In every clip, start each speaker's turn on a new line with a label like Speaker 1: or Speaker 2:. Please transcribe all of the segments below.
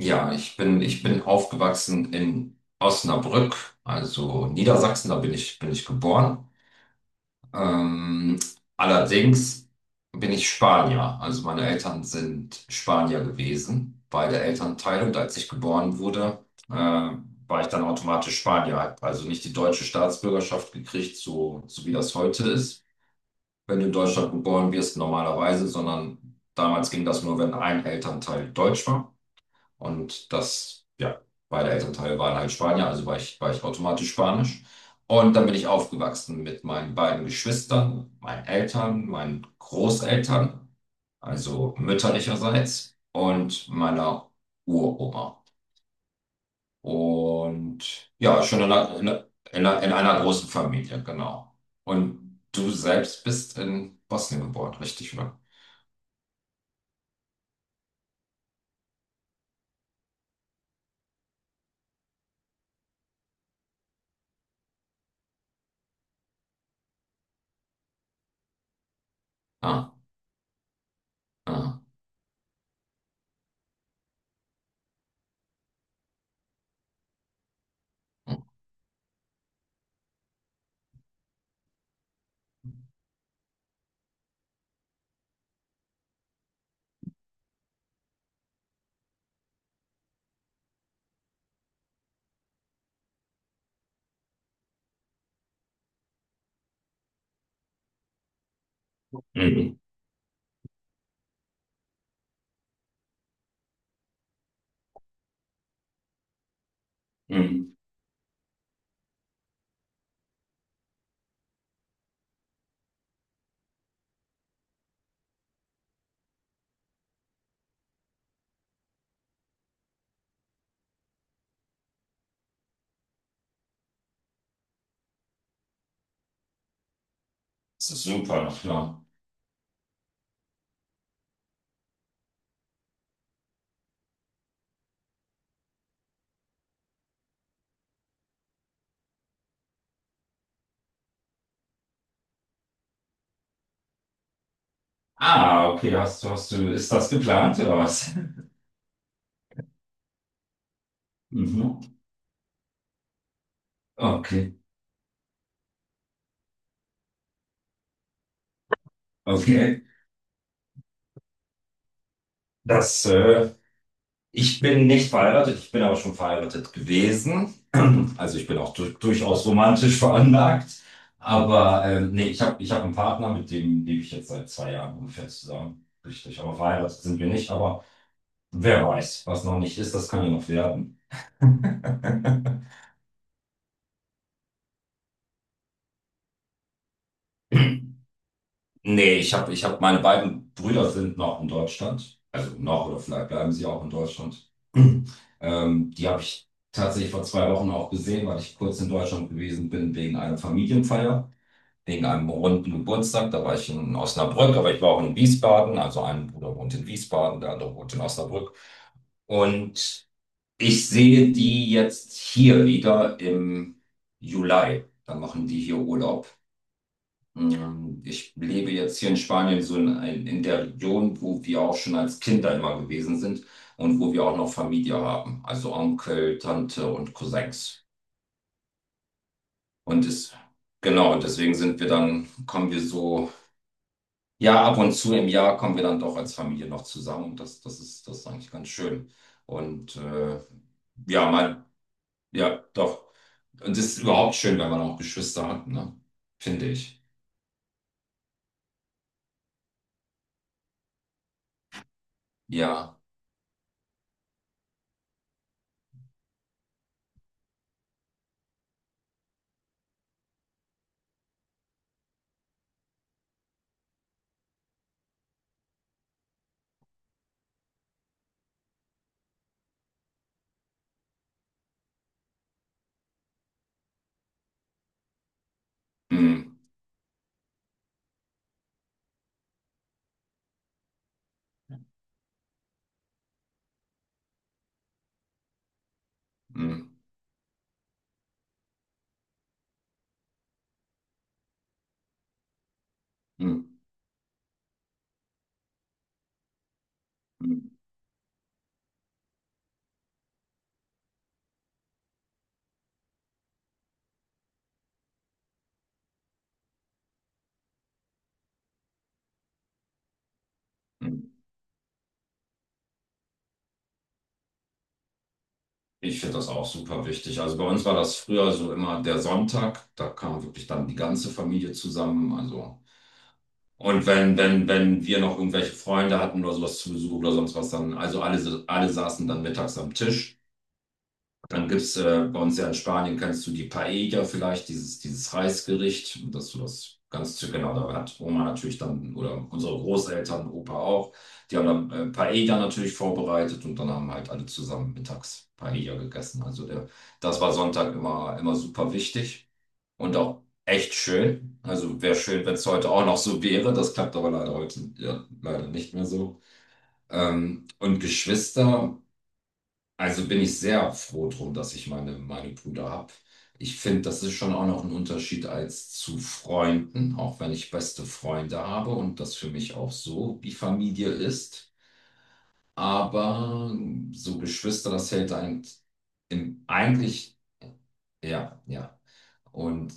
Speaker 1: Ja, ich bin aufgewachsen in Osnabrück, also Niedersachsen, da bin ich geboren. Ähm, allerdings bin ich Spanier, also meine Eltern sind Spanier gewesen, beide Elternteile. Und als ich geboren wurde, äh, war ich dann automatisch Spanier, hab also nicht die deutsche Staatsbürgerschaft gekriegt, so wie das heute ist, wenn du in Deutschland geboren wirst normalerweise, sondern damals ging das nur, wenn ein Elternteil deutsch war. Und das, ja, Beide Elternteile waren halt Spanier, also war ich automatisch Spanisch. Und dann bin ich aufgewachsen mit meinen beiden Geschwistern, meinen Eltern, meinen Großeltern, also mütterlicherseits, und meiner Uroma. Und ja, schon in einer großen Familie, genau. Und du selbst bist in Bosnien geboren, richtig, oder? Ah, ah. Mhm. Mhm. Das ist super, ja. Ah, okay, ist das geplant oder was? Mhm. Okay, okay. Das, äh, Ich bin nicht verheiratet, ich bin aber schon verheiratet gewesen. Also ich bin auch du durchaus romantisch veranlagt. Aber nee, ich hab einen Partner, mit dem lebe ich jetzt seit 2 Jahren ungefähr zusammen. Richtig, aber verheiratet sind wir nicht. Aber wer weiß, was noch nicht ist, das kann ja noch werden. Nee, ich habe ich hab, meine beiden Brüder sind noch in Deutschland. Also noch oder vielleicht bleiben sie auch in Deutschland. Die habe ich tatsächlich vor 2 Wochen auch gesehen, weil ich kurz in Deutschland gewesen bin wegen einer Familienfeier, wegen einem runden Geburtstag. Da war ich in Osnabrück, aber ich war auch in Wiesbaden. Also ein Bruder wohnt in Wiesbaden, der andere wohnt in Osnabrück. Und ich sehe die jetzt hier wieder im Juli. Dann machen die hier Urlaub. Ich lebe jetzt hier in Spanien, so in der Region, wo wir auch schon als Kinder immer gewesen sind und wo wir auch noch Familie haben, also Onkel, Tante und Cousins. Und ist, genau, und deswegen kommen wir so, ja, ab und zu im Jahr kommen wir dann doch als Familie noch zusammen und das, das ist eigentlich ganz schön. Und ja, mal, ja, doch. Und es ist überhaupt schön, wenn man auch Geschwister hat, ne? Finde ich. Ja. Mm, mm, mm, mm, mm. Ich finde das auch super wichtig. Also bei uns war das früher so immer der Sonntag, da kam wirklich dann die ganze Familie zusammen. Also und wenn wir noch irgendwelche Freunde hatten oder sowas zu Besuch oder sonst was dann, also alle saßen dann mittags am Tisch. Dann gibt es bei uns ja in Spanien, kennst du die Paella vielleicht, dieses, dieses Reisgericht, dass du das ganz genau, da hat Oma natürlich dann, oder unsere Großeltern, Opa auch, die haben dann Paella natürlich vorbereitet und dann haben halt alle zusammen mittags Paella gegessen. Das war Sonntag immer, immer super wichtig und auch echt schön. Also wäre schön, wenn es heute auch noch so wäre. Das klappt aber leider heute ja, leider nicht mehr so. Und Geschwister. Also bin ich sehr froh drum, dass ich meine Brüder habe. Ich finde, das ist schon auch noch ein Unterschied als zu Freunden, auch wenn ich beste Freunde habe und das für mich auch so wie Familie ist. Aber so Geschwister, das hält einen im, eigentlich, ja, ja. Und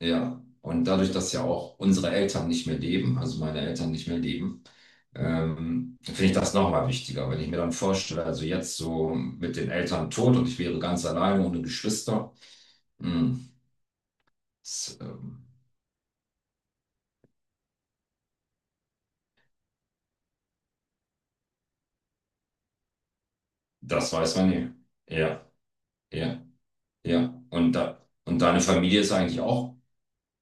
Speaker 1: ja, und dadurch, dass ja auch unsere Eltern nicht mehr leben, also meine Eltern nicht mehr leben, finde ich das nochmal wichtiger. Wenn ich mir dann vorstelle, also jetzt so mit den Eltern tot und ich wäre ganz alleine ohne Geschwister, mh, das, ähm, das weiß man nie. Ja, ja, ja. Und deine Familie ist eigentlich auch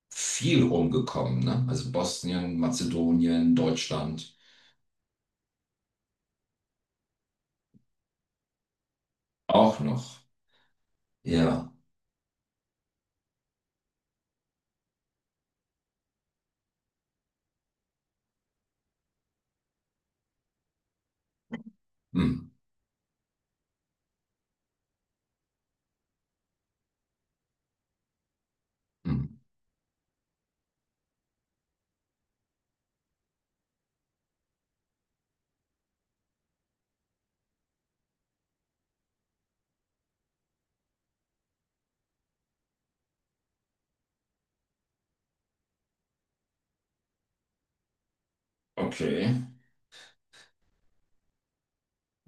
Speaker 1: viel rumgekommen, ne? Also Bosnien, Mazedonien, Deutschland auch noch. Ja. Hm. Hm. Okay.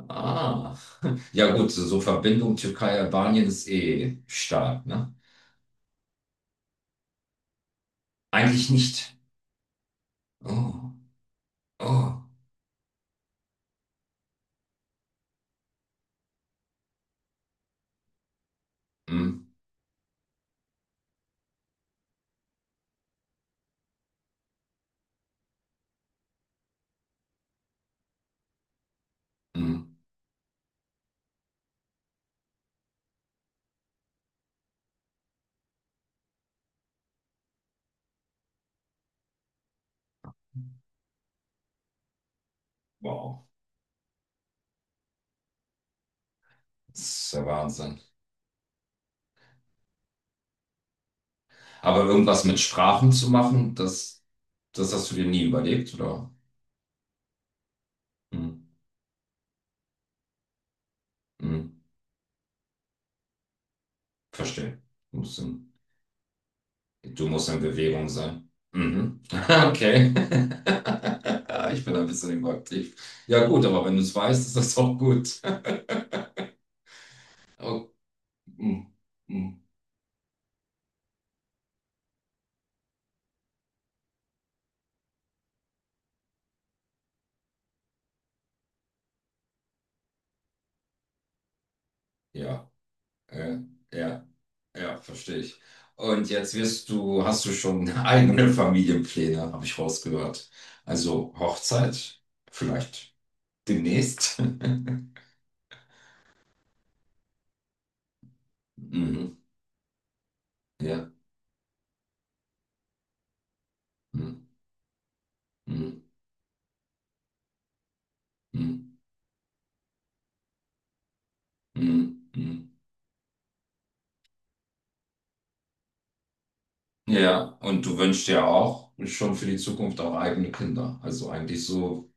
Speaker 1: Ah. Ja gut, so Verbindung Türkei-Albanien ist eh stark, ne? Eigentlich nicht. Oh, oh, mm, mm, wow, das ist der Wahnsinn. Aber irgendwas mit Sprachen zu machen, das, das hast du dir nie überlegt, oder? Mm, mm, verstehe. Du musst in, du musst in Bewegung sein. Mhm. Okay. Ich bin ein bisschen überaktiv. Ja gut, aber wenn du es weißt, ist das auch gut. Oh, mm, mm, ja, äh, ja. Ja, verstehe ich. Und jetzt wirst du, hast du schon eigene Familienpläne, habe ich rausgehört. Also Hochzeit, vielleicht demnächst. Mhm. Ja. Mhm. Mhm. Mhm. Mhm. Mhm. Ja, und du wünschst dir auch schon für die Zukunft auch eigene Kinder. Also eigentlich so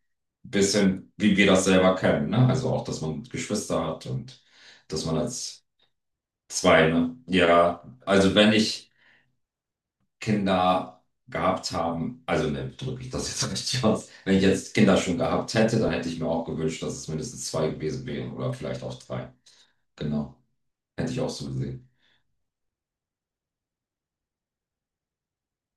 Speaker 1: ein bisschen, wie wir das selber kennen, ne? Also auch, dass man Geschwister hat und dass man als zwei, ne? Ja, also wenn ich. Kinder gehabt haben, also ne, drücke ich das jetzt richtig aus. Wenn ich jetzt Kinder schon gehabt hätte, dann hätte ich mir auch gewünscht, dass es mindestens zwei gewesen wären oder vielleicht auch drei. Genau. Hätte ich auch so gesehen.